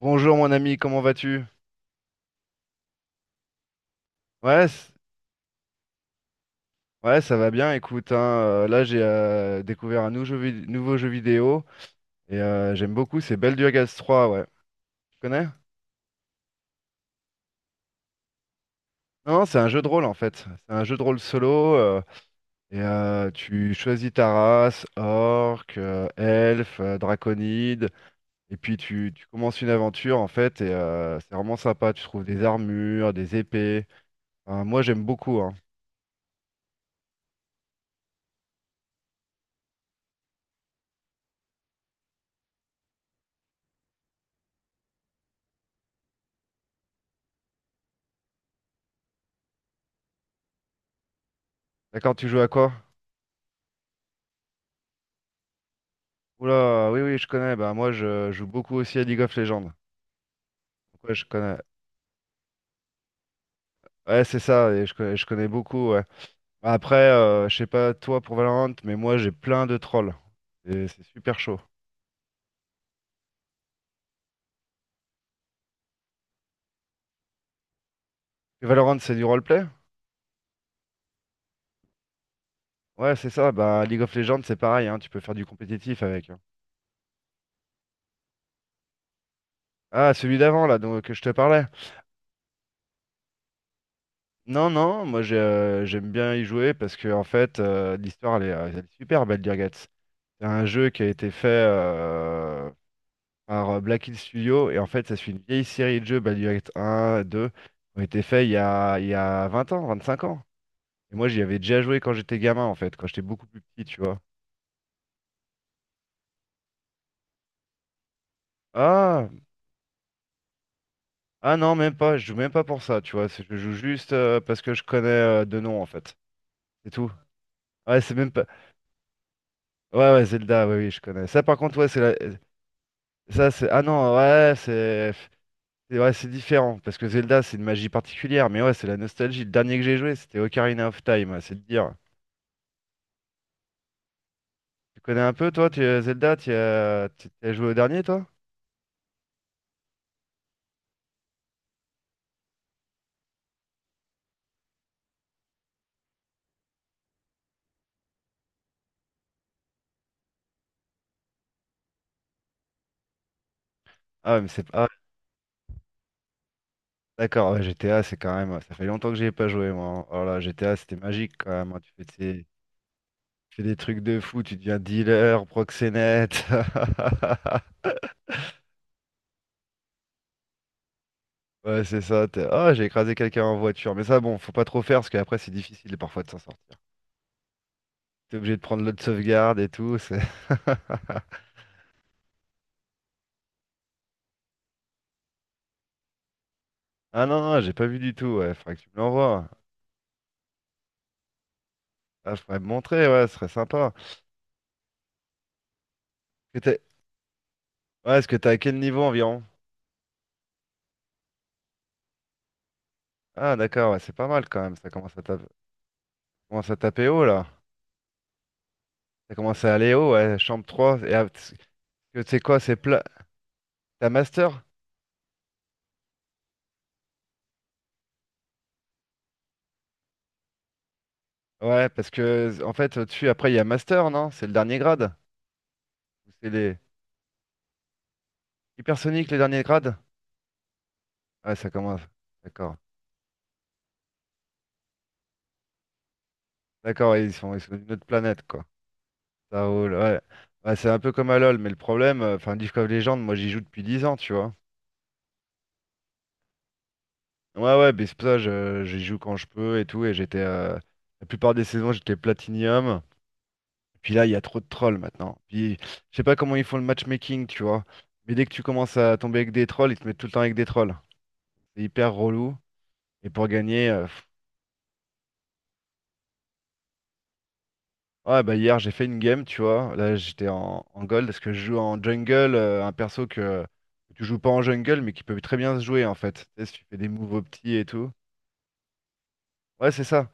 Bonjour mon ami, comment vas-tu? Ouais, ouais, ça va bien, écoute, hein, là j'ai découvert un nouveau jeu, vidéo et j'aime beaucoup, c'est Baldur's 3, ouais. Tu connais? Non, non, c'est un jeu de rôle en fait. C'est un jeu de rôle solo, tu choisis ta race, orc, elfe, draconide, et puis tu commences une aventure en fait, et c'est vraiment sympa. Tu trouves des armures, des épées. Enfin, moi j'aime beaucoup, hein. D'accord, tu joues à quoi? Oula, oui, oui, je connais. Bah, moi, je joue beaucoup aussi à League of Legends. Donc, ouais, je connais. Ouais, c'est ça, et je connais beaucoup, ouais. Après, je sais pas toi pour Valorant, mais moi, j'ai plein de trolls. Et c'est super chaud. Et Valorant, c'est du roleplay? Ouais, c'est ça. Bah, League of Legends, c'est pareil, hein. Tu peux faire du compétitif avec, hein. Ah, celui d'avant, là, donc, que je te parlais. Non, non, moi, j'aime bien y jouer parce que, en fait, l'histoire, elle est super belle, Dirgats. C'est un jeu qui a été fait, par Black Hill Studio. Et en fait, ça suit une vieille série de jeux, Baldur's Gate 1, 2, qui ont été faits il y a 20 ans, 25 ans. Et moi, j'y avais déjà joué quand j'étais gamin, en fait, quand j'étais beaucoup plus petit, tu vois. Ah, ah non, même pas, je joue même pas pour ça, tu vois. Je joue juste, parce que je connais de nom, en fait. C'est tout. Ouais, c'est même pas. Ouais, ouais, Zelda, oui, oui, je connais. Ça, par contre, ouais, c'est la. Ça, c'est. Ah non, ouais, c'est. Ouais, c'est différent, parce que Zelda, c'est une magie particulière, mais ouais, c'est la nostalgie. Le dernier que j'ai joué, c'était Ocarina of Time, ouais, c'est de dire. Tu connais un peu, toi, tu, Zelda, tu as joué au dernier, toi? Ah, ouais, mais c'est pas. Ah, d'accord, ouais, GTA, c'est quand même. Ça fait longtemps que j'y ai pas joué, moi, hein. Oh là, GTA, c'était magique quand même, hein. Tu fais des trucs de fou, tu deviens dealer, proxénète. Ouais, c'est ça. Ah, j'ai écrasé quelqu'un en voiture. Mais ça, bon, faut pas trop faire parce qu'après, c'est difficile parfois de s'en sortir. T'es obligé de prendre l'autre sauvegarde et tout. Ah non, non, j'ai pas vu du tout. Ouais, faudrait que tu me l'envoies. Ah, faudrait me montrer, ouais, ce serait sympa. Que t'es- Ouais, est-ce que t'es à quel niveau environ? Ah d'accord, ouais, c'est pas mal quand même, ça commence à taper haut là. Ça commence à aller haut, ouais, chambre trois, et ah, parce que tu sais quoi, c'est plat. T'as master? Ouais, parce que en fait au-dessus, après il y a master, non? C'est le dernier grade? Ou c'est les hypersoniques les derniers grades? Ouais, ça commence. D'accord. D'accord, ouais, ils sont d'une autre planète, quoi. Ça roule, ouais. Ouais, c'est un peu comme à LoL, mais le problème, enfin League of Legends, moi j'y joue depuis 10 ans, tu vois. Ouais, ouais, mais c'est pour ça, j'y joue quand je peux et tout, et j'étais la plupart des saisons j'étais platinium. Puis là, il y a trop de trolls maintenant. Puis je sais pas comment ils font le matchmaking, tu vois. Mais dès que tu commences à tomber avec des trolls, ils te mettent tout le temps avec des trolls. C'est hyper relou. Et pour gagner, ouais, bah hier j'ai fait une game, tu vois. Là j'étais en gold parce que je joue en jungle, un perso que tu joues pas en jungle mais qui peut très bien se jouer en fait. Tu sais, si tu fais des moves au petit et tout. Ouais, c'est ça.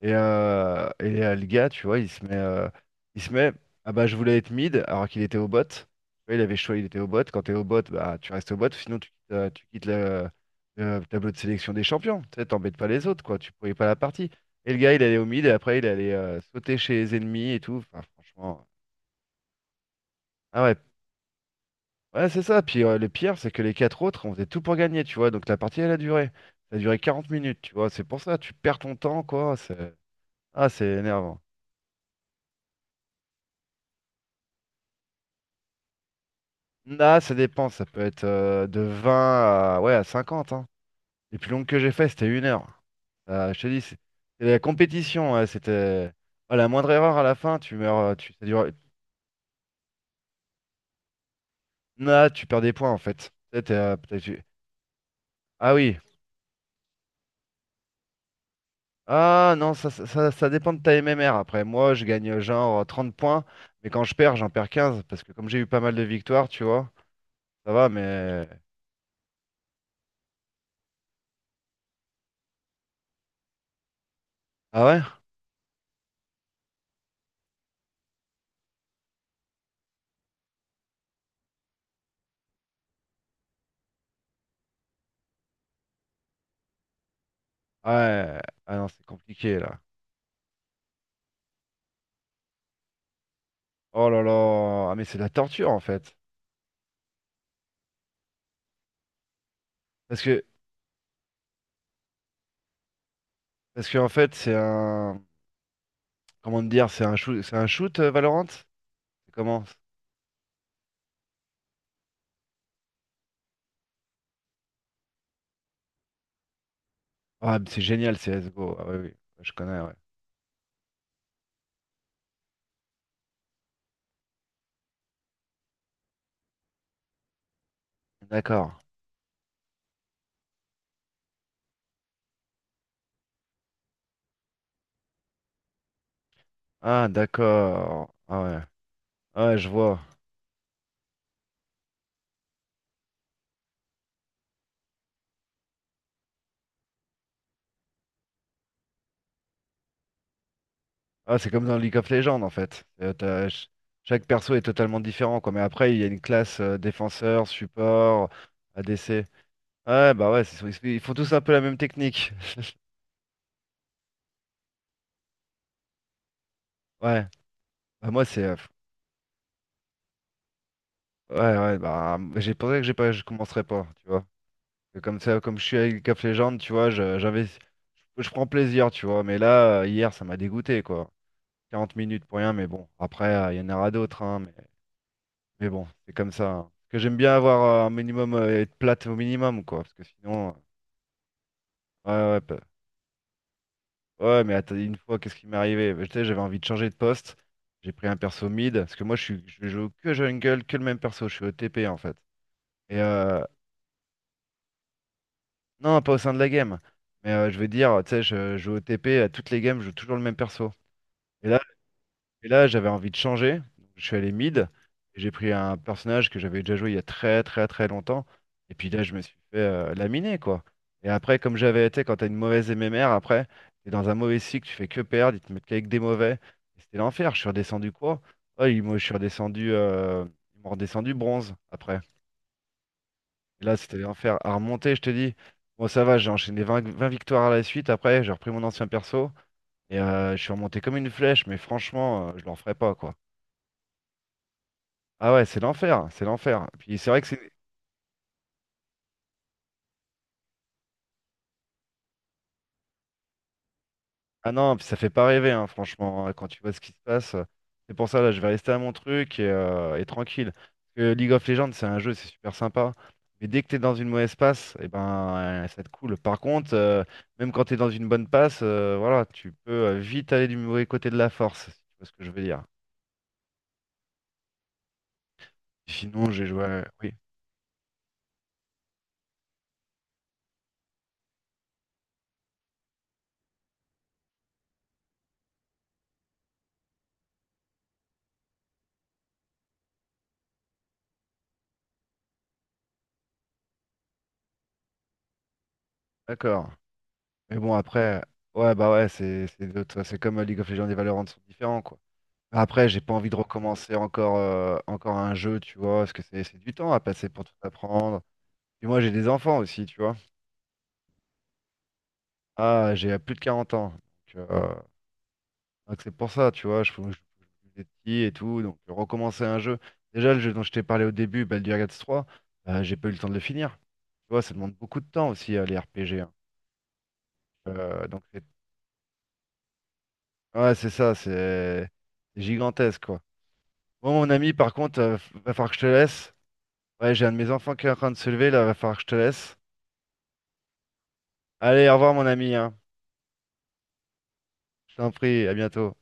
Et le gars, tu vois, il se met, ah bah je voulais être mid alors qu'il était au bot. Tu vois, il avait choisi, il était au bot. Quand t'es au bot, bah tu restes au bot, sinon tu quittes, le tableau de sélection des champions. Tu sais, t'embêtes pas les autres, quoi. Tu pourrais pas la partie. Et le gars, il allait au mid et après il allait sauter chez les ennemis et tout. Enfin, franchement, ah ouais, ouais, c'est ça. Puis le pire, c'est que les quatre autres, on faisait tout pour gagner, tu vois. Donc la partie, elle a duré. Ça a duré 40 minutes, tu vois. C'est pour ça, tu perds ton temps, quoi. C'est, ah, c'est énervant. Là, ça dépend, ça peut être de 20 à, ouais, à 50, hein. Les plus longues que j'ai fait, c'était 1 heure. Je te dis, c'est la compétition, ouais, c'était. Ah, la moindre erreur à la fin, tu meurs. Tu, ça dure-. Là, tu perds des points en fait. Peut-être Ah oui. Ah non, ça dépend de ta MMR. Après, moi, je gagne genre 30 points, mais quand je perds, j'en perds 15, parce que comme j'ai eu pas mal de victoires, tu vois, ça va, mais. Ah ouais? Ouais. Ah non, c'est compliqué là. Oh là là. Ah mais c'est de la torture en fait. Parce que, parce que en fait, c'est un. Comment te dire, c'est un shoot, Valorant? C'est comment? Ah, c'est génial, CSGO. Ah, oui, oui, je connais, ouais. D'accord. Ah, d'accord. Ah, ouais. Ah, ouais, je vois. Ah, c'est comme dans League of Legends, en fait. Chaque perso est totalement différent, quoi. Mais après, il y a une classe, défenseur, support, ADC. Ouais, bah ouais, ils font tous un peu la même technique. Ouais. Bah, moi, c'est. Ouais, ouais, bah, j'ai pensé que j'ai pas, je commencerai pas, tu vois. Et comme ça, comme je suis avec Cap of Legends, tu vois, j'investis, je prends plaisir, tu vois. Mais là, hier, ça m'a dégoûté, quoi. 40 minutes pour rien, mais bon. Après, il y en aura d'autres, hein, mais bon, c'est comme ça, hein. Parce que j'aime bien avoir un minimum, être plate au minimum, quoi. Parce que sinon, ouais, ouais, ouais, mais attends, une fois, qu'est-ce qui m'est arrivé? Bah, tu sais, j'avais envie de changer de poste. J'ai pris un perso mid, parce que moi, je joue que jungle, que le même perso. Je suis au OTP, en fait. Et non, pas au sein de la game. Mais je veux dire, tu sais, je joue OTP à toutes les games, je joue toujours le même perso. Et là. Et là, j'avais envie de changer. Je suis allé mid, et j'ai pris un personnage que j'avais déjà joué il y a très très très longtemps. Et puis là, je me suis fait laminer, quoi. Et après, comme j'avais été, quand t'as une mauvaise MMR, après, t'es dans un mauvais cycle, tu fais que perdre, ils te mettent qu'avec des mauvais. Et c'était l'enfer. Je suis redescendu quoi? Oh, je suis redescendu, ils m'ont redescendu bronze après. Et là, c'était l'enfer. À remonter, je te dis. Bon, ça va, j'ai enchaîné vingt victoires à la suite. Après, j'ai repris mon ancien perso. Et je suis remonté comme une flèche, mais franchement, je leur ferai pas, quoi. Ah ouais, c'est l'enfer, c'est l'enfer. Puis c'est vrai que c'est. Ah non, puis ça fait pas rêver, hein, franchement, hein, quand tu vois ce qui se passe. C'est pour ça, là, je vais rester à mon truc, et tranquille. Parce que League of Legends, c'est un jeu, c'est super sympa. Mais dès que t'es dans une mauvaise passe, et ben, ça te coule. Par contre, même quand t'es dans une bonne passe, voilà, tu peux vite aller du mauvais côté de la force, si tu vois ce que je veux dire. Sinon, j'ai joué. Oui, d'accord. Mais bon, après. Ouais, bah ouais, c'est comme League of Legends et Valorant sont différents, quoi. Après, j'ai pas envie de recommencer encore, un jeu, tu vois, parce que c'est du temps à passer pour tout apprendre. Puis moi, j'ai des enfants aussi, tu vois. Ah, j'ai plus de 40 ans. Donc, euh, donc c'est pour ça, tu vois, je fais des petits et tout. Donc, recommencer un jeu. Déjà, le jeu dont je t'ai parlé au début, Baldur's Gate 3, j'ai pas eu le temps de le finir. Tu vois, ça demande beaucoup de temps aussi, les RPG, hein. Donc, ouais, c'est ça, c'est gigantesque, quoi. Bon, mon ami, par contre, va falloir que je te laisse. Ouais, j'ai un de mes enfants qui est en train de se lever, là, va falloir que je te laisse. Allez, au revoir mon ami, hein. Je t'en prie, à bientôt.